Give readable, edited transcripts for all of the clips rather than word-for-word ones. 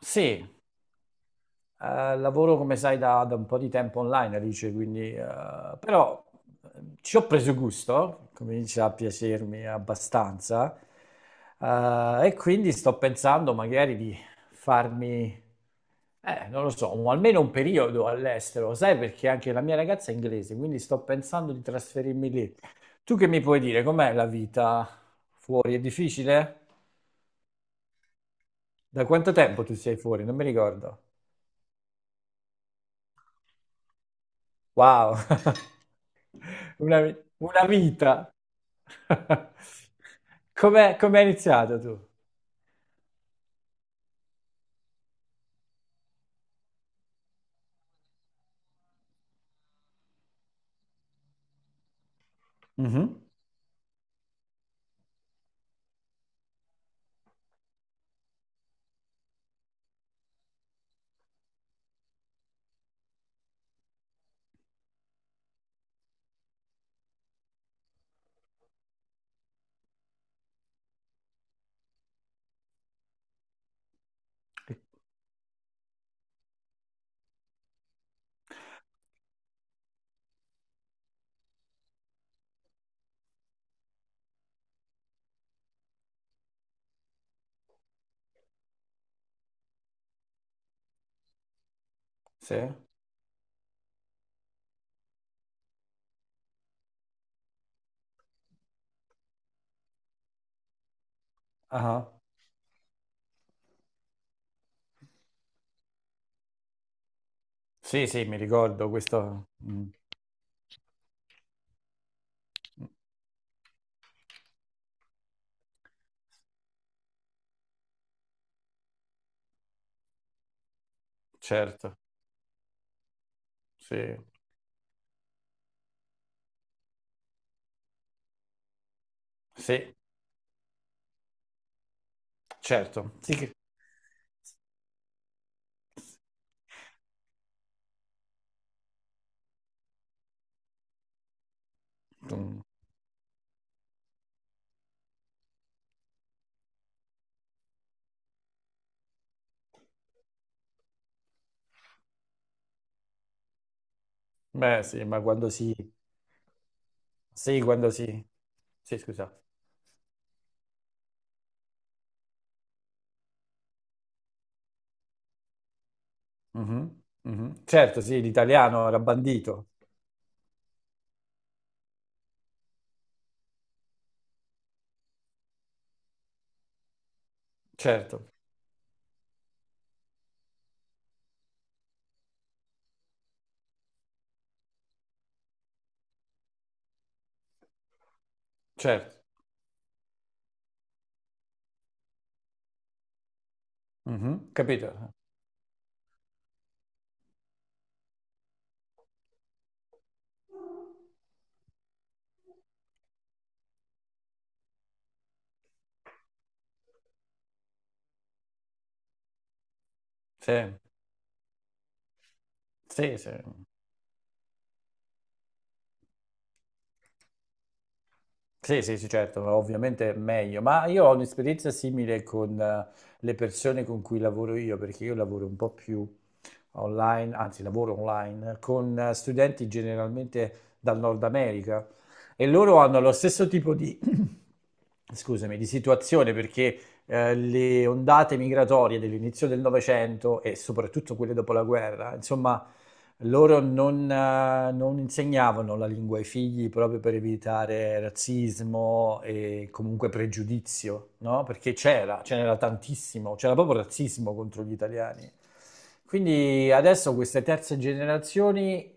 Sì, lavoro come sai da un po' di tempo online, Alice, quindi però ci ho preso gusto, comincia a piacermi abbastanza e quindi sto pensando magari di farmi, non lo so, almeno un periodo all'estero, sai perché anche la mia ragazza è inglese, quindi sto pensando di trasferirmi lì. Tu che mi puoi dire, com'è la vita fuori? È difficile? Da quanto tempo tu sei fuori? Non mi ricordo. Wow, una vita. Com'è iniziato tu? Mhm. Sì? Ah. Sì, sì, mi ricordo questo. Mm, certo, sì, sì, certo. Sì. Mm, beh, sì, ma quando si... Sì, scusa. Mhm, mhm. Certo, sì, l'italiano era bandito. Certo, certo. Mhm, capito? Sì, sì, sì. Sì, sì, sì, certo, ovviamente è meglio, ma io ho un'esperienza simile con le persone con cui lavoro io, perché io lavoro un po' più online, anzi lavoro online, con studenti generalmente dal Nord America e loro hanno lo stesso tipo di, scusami, di situazione perché le ondate migratorie dell'inizio del Novecento e soprattutto quelle dopo la guerra, insomma, loro non insegnavano la lingua ai figli proprio per evitare razzismo e comunque pregiudizio, no? Perché c'era, ce n'era tantissimo, c'era proprio razzismo contro gli italiani. Quindi adesso queste terze generazioni,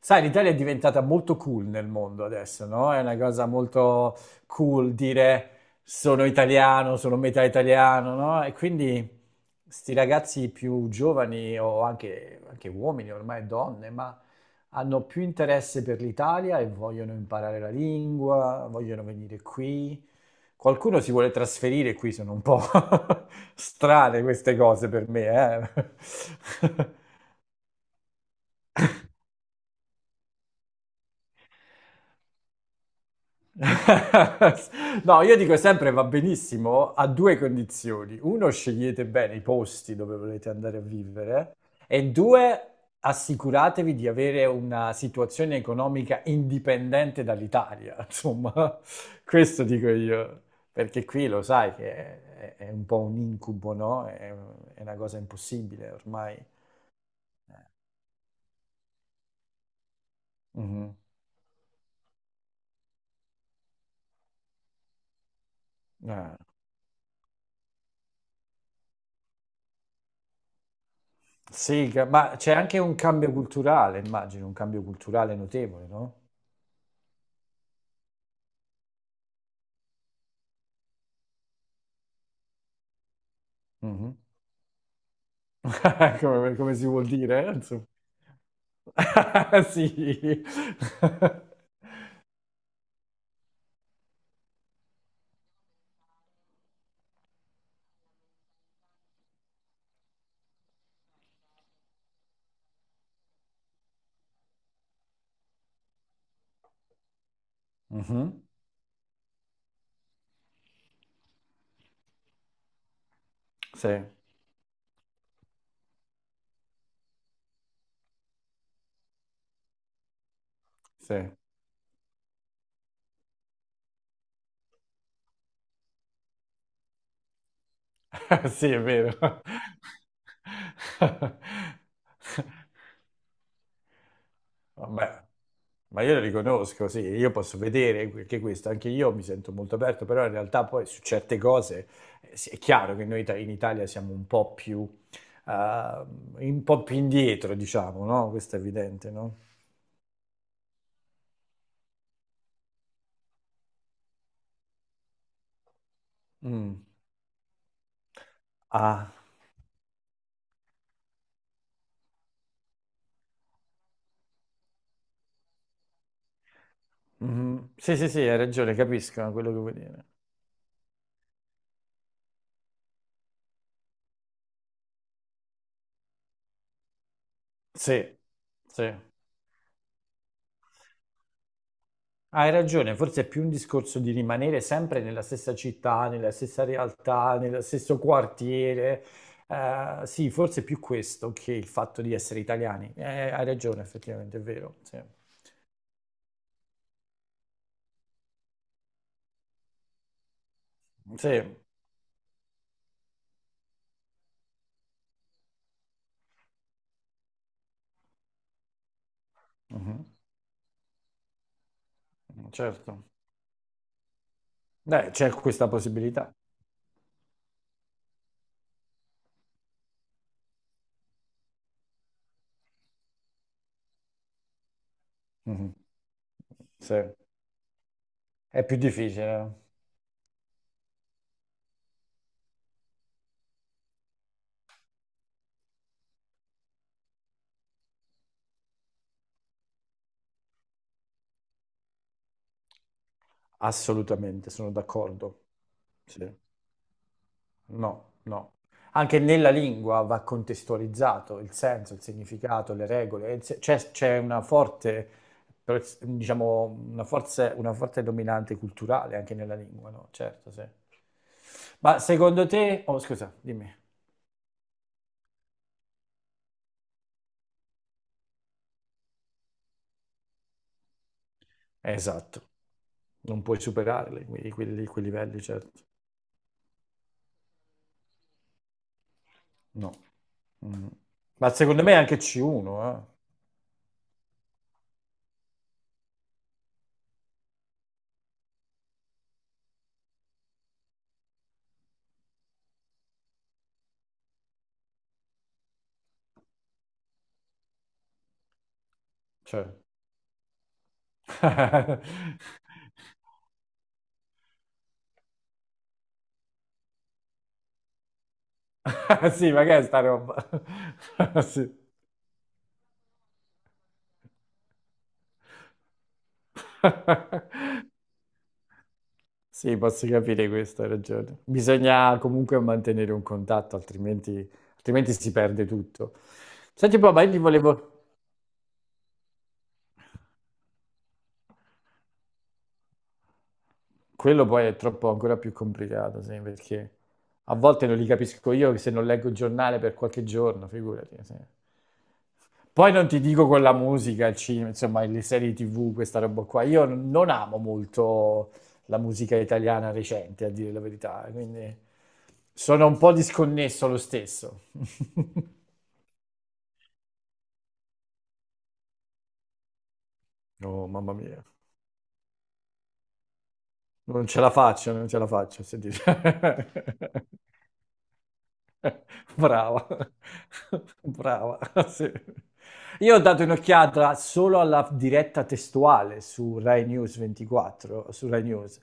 sai, l'Italia è diventata molto cool nel mondo adesso, no? È una cosa molto cool dire sono italiano, sono metà italiano, no? E quindi sti ragazzi più giovani o anche uomini, ormai donne, ma hanno più interesse per l'Italia e vogliono imparare la lingua, vogliono venire qui. Qualcuno si vuole trasferire qui, sono un po' strane queste cose per me, eh. No, io dico sempre va benissimo a due condizioni. Uno, scegliete bene i posti dove volete andare a vivere e due, assicuratevi di avere una situazione economica indipendente dall'Italia. Insomma, questo dico io, perché qui lo sai che è un po' un incubo, no? È una cosa impossibile ormai. Mhm. Eh, sì, ma c'è anche un cambio culturale, immagino, un cambio culturale notevole, no? Mhm. Come, come si vuol dire? Insomma. Sì. Mhm. Sì, sì. Sì, è vero. Vabbè, ma io lo riconosco, sì, io posso vedere anche questo, anche io mi sento molto aperto, però in realtà poi su certe cose sì, è chiaro che noi in Italia siamo eh, un po' più indietro, diciamo, no? Questo è evidente, no? Mm. Ah. Mhm. Sì, sì, sì, hai ragione, capisco quello che vuoi dire. Sì, sì, hai ragione, forse è più un discorso di rimanere sempre nella stessa città, nella stessa realtà, nello stesso quartiere. Sì, forse è più questo che il fatto di essere italiani. Hai ragione, effettivamente, è vero. Sì, sì, mhm, certo. Beh, c'è questa possibilità. Mhm, sì, è più difficile, assolutamente, sono d'accordo. Sì. No, no. Anche nella lingua va contestualizzato il senso, il significato, le regole. Il se- C'è una forte, diciamo, una forte dominante culturale anche nella lingua, no? Certo, sì. Ma secondo te... Oh, scusa, dimmi. Esatto. Non puoi superare quei livelli, certo. No. Mm. Ma secondo me anche C1, eh. Cioè... Sì, ma che è sta roba? Sì. Sì, posso capire questo, hai ragione. Bisogna comunque mantenere un contatto, altrimenti, altrimenti si perde tutto. Senti, poi, ma io ti volevo... Quello poi è troppo ancora più complicato, sì, perché a volte non li capisco io se non leggo il giornale per qualche giorno, figurati. Sì. Poi non ti dico con la musica, il cinema, insomma, le serie TV, questa roba qua. Io non amo molto la musica italiana recente, a dire la verità, quindi sono un po' disconnesso lo stesso. Oh, mamma mia, non ce la faccio, non ce la faccio a sentire. Brava, brava, sì. Io ho dato un'occhiata solo alla diretta testuale su Rai News 24, su Rai News,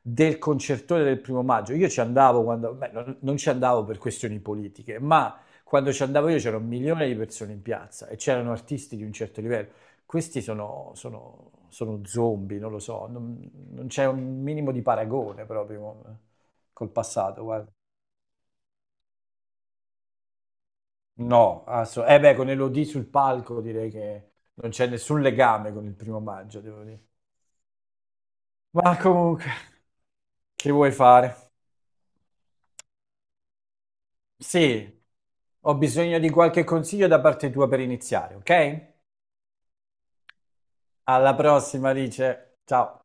del concertone del primo maggio. Io ci andavo quando, beh, non ci andavo per questioni politiche, ma quando ci andavo io c'era un milione di persone in piazza e c'erano artisti di un certo livello. Questi sono zombie, non lo so, non c'è un minimo di paragone proprio col passato, guarda. No, eh beh, con Elodie sul palco direi che non c'è nessun legame con il primo maggio, devo dire. Ma comunque, che vuoi fare? Sì, ho bisogno di qualche consiglio da parte tua per iniziare, ok? Alla prossima, Alice. Ciao.